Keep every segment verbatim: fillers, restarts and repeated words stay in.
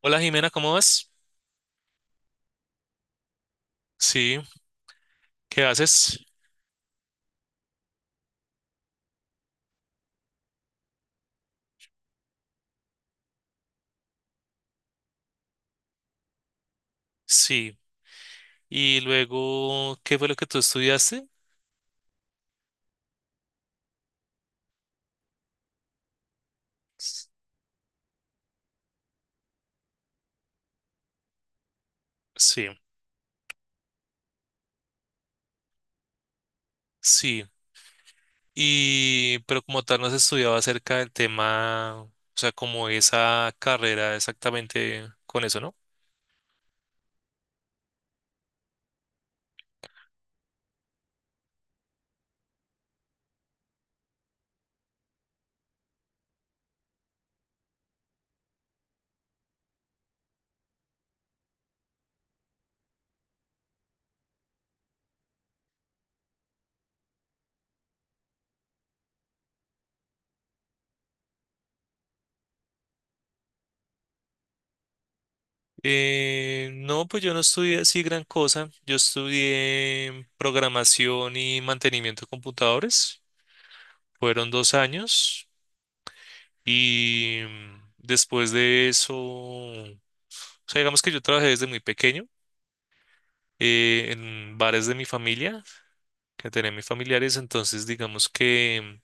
Hola Jimena, ¿cómo vas? Sí, ¿qué haces? Sí. Y luego, ¿qué fue lo que tú estudiaste? S- Sí, sí. Y, pero como tal, no has estudiado acerca del tema, o sea, como esa carrera exactamente con eso, ¿no? Eh, no, pues yo no estudié así gran cosa. Yo estudié programación y mantenimiento de computadores. Fueron dos años y mm, después de eso. O sea, digamos que yo trabajé desde muy pequeño eh, en bares de mi familia, que tenía mis familiares, entonces digamos que,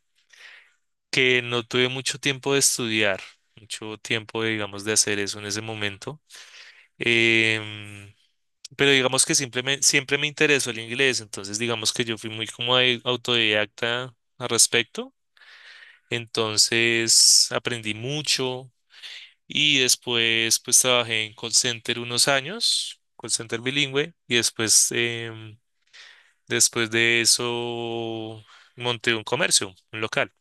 que no tuve mucho tiempo de estudiar, mucho tiempo, digamos, de hacer eso en ese momento. Em, pero digamos que simplemente, siempre me interesó el inglés, entonces digamos que yo fui muy como au- autodidacta al respecto, entonces aprendí mucho y después pues trabajé en call center unos años, call center bilingüe, y después... em, Después de eso, monté un comercio, un local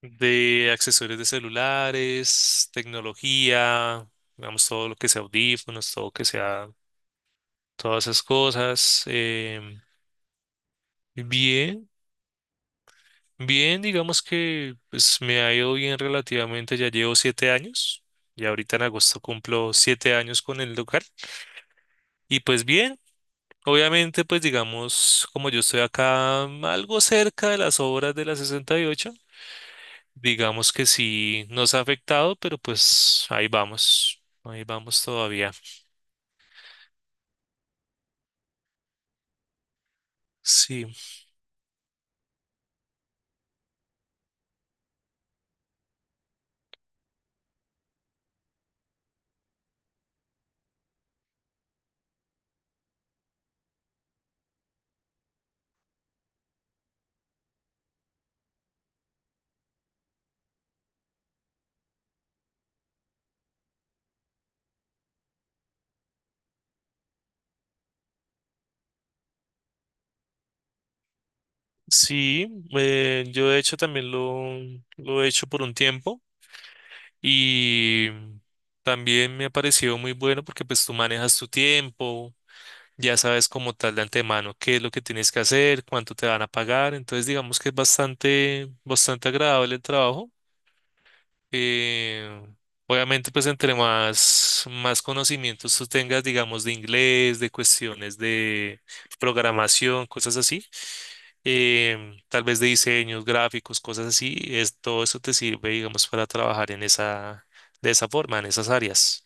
de accesorios de celulares, tecnología, digamos, todo lo que sea audífonos, todo que sea, todas esas cosas. Em, bien, bien, digamos que pues, me ha ido bien relativamente, ya llevo siete años, y ahorita en agosto cumplo siete años con el local, y pues bien. Obviamente, pues digamos, como yo estoy acá algo cerca de las obras de la sesenta y ocho. Digamos que sí nos ha afectado, pero pues ahí vamos, ahí vamos todavía. Sí, sí, eh, yo de hecho también lo, lo he hecho por un tiempo y también me ha parecido muy bueno porque pues tú manejas tu tiempo, ya sabes como tal de antemano qué es lo que tienes que hacer, cuánto te van a pagar, entonces digamos que es bastante, bastante agradable el trabajo. Eh, Obviamente, pues entre más, más conocimientos tú tengas, digamos, de inglés, de cuestiones de programación, cosas así, em, tal vez de diseños, gráficos, cosas así, es, todo eso te sirve, digamos, para trabajar en esa, de esa forma, en esas áreas.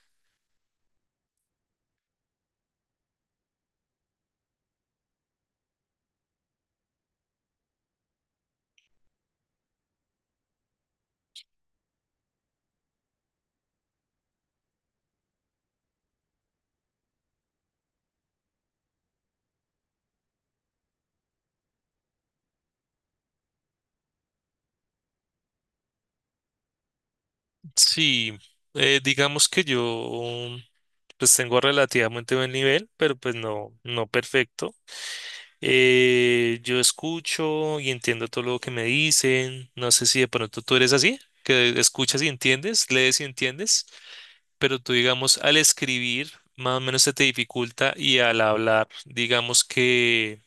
Sí, eh, digamos que yo, pues tengo relativamente buen nivel, pero pues no, no perfecto. Eh, yo escucho y entiendo todo lo que me dicen. No sé si de pronto tú eres así, que escuchas y entiendes, lees y entiendes, pero tú, digamos, al escribir, más o menos se te dificulta y al hablar, digamos que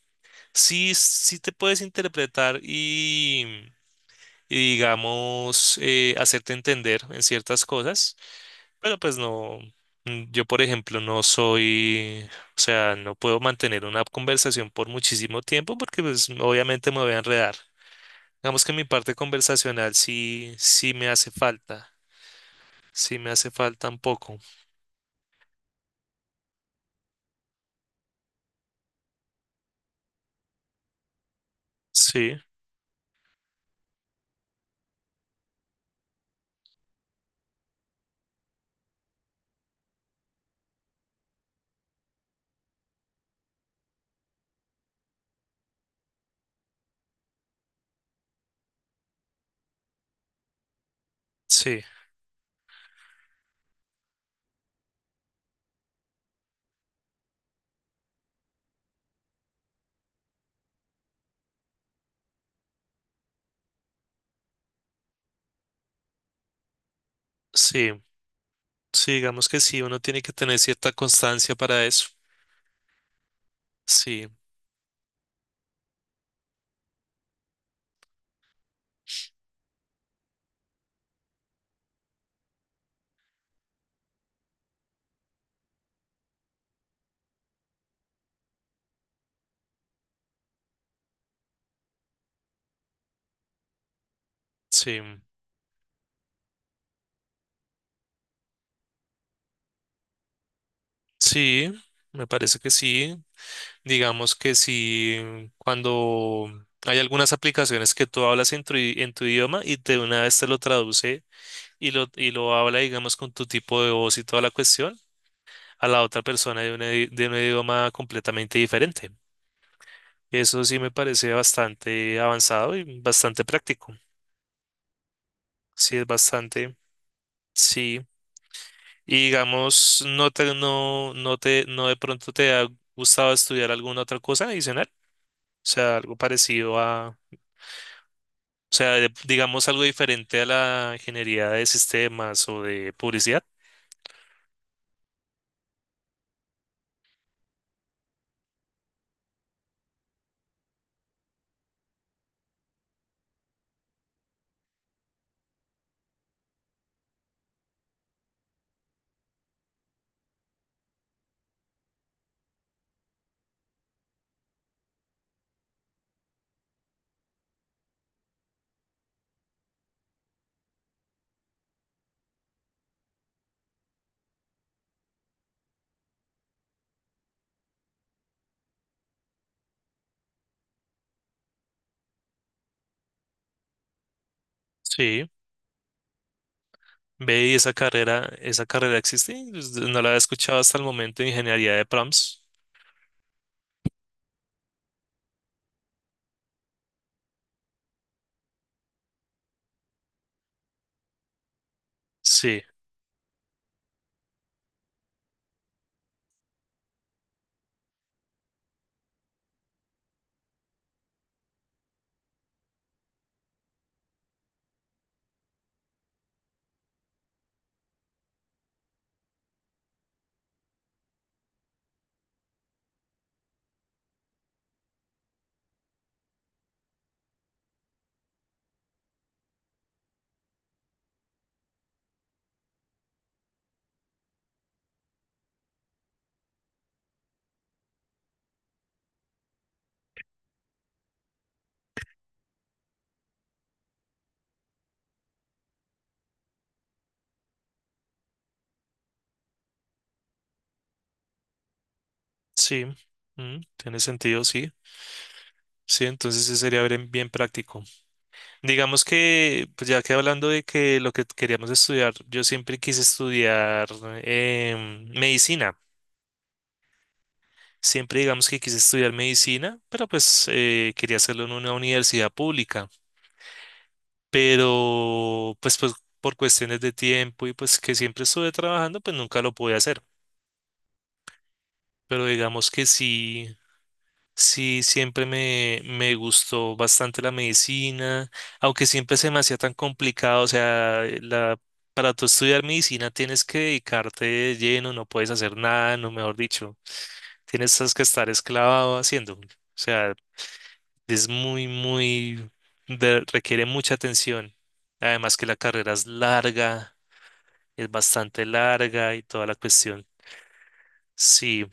sí, sí te puedes interpretar y, y digamos, eh, hacerte entender en ciertas cosas, pero pues no, mm, yo por ejemplo no soy, o sea, no puedo mantener una conversación por muchísimo tiempo porque pues obviamente me voy a enredar. Digamos que mi parte conversacional sí, sí me hace falta, sí me hace falta un poco. Sí, sí, sí, sí, digamos que sí, uno tiene que tener cierta constancia para eso. Sí, sí, sí, me parece que sí. Digamos que si cuando hay algunas aplicaciones que tú hablas en tu, i- en tu idioma y de una vez te lo traduce y lo, y lo habla, digamos, con tu tipo de voz y toda la cuestión, a la otra persona de un, idi- de un idioma completamente diferente. Eso sí me parece bastante avanzado y bastante práctico. Sí, es bastante, sí. Y digamos, no te, no, no te, no de pronto te ha gustado estudiar alguna otra cosa adicional, o sea, algo parecido. O sea, de- digamos algo diferente a la ingeniería de sistemas o de publicidad. Sí, ve y esa carrera, esa carrera existe, pues, no la había escuchado hasta el momento, ingeniería de prompts. Sí, sí, mm, tiene sentido, sí, sí, entonces sí sería bien, bien práctico. Digamos que, pues ya que hablando de que lo que queríamos estudiar, yo siempre quise estudiar em, medicina, siempre digamos que quise estudiar medicina, pero pues eh, quería hacerlo en una universidad pública. pero pues, pues por cuestiones de tiempo y pues que siempre estuve trabajando, pues nunca lo pude hacer. Pero digamos que sí, sí, siempre me, me gustó bastante la medicina, aunque siempre se me hacía tan complicado, o sea, la... Para tú estudiar medicina tienes que dedicarte de lleno, no puedes hacer nada, no mejor dicho, tienes que estar esclavado haciendo. O sea, es muy, muy, de- requiere mucha atención. Además que la carrera es larga, es bastante larga y toda la cuestión. Sí,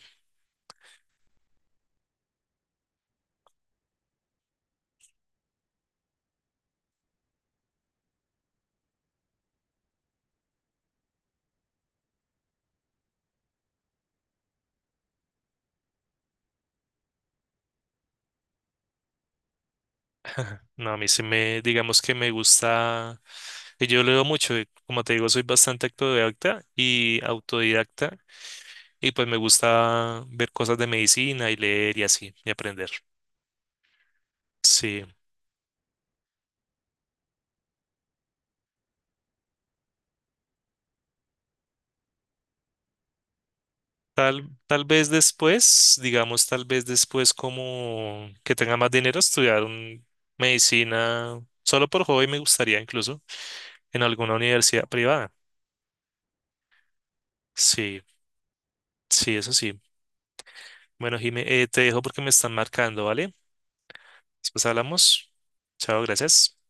no, a mí sí me, digamos que me gusta, que yo leo mucho, eh, como te digo, soy bastante autodidacta y autodidacta y pues me gusta ver cosas de medicina y leer y así, y aprender. Sí, tal, tal vez después, digamos, tal vez después como que tenga más dinero estudiar un- medicina, solo por hobby me gustaría incluso en alguna universidad privada. Sí, sí, eso sí. Bueno, Jime, eh, te dejo porque me están marcando, ¿vale? Después hablamos. Chao, gracias.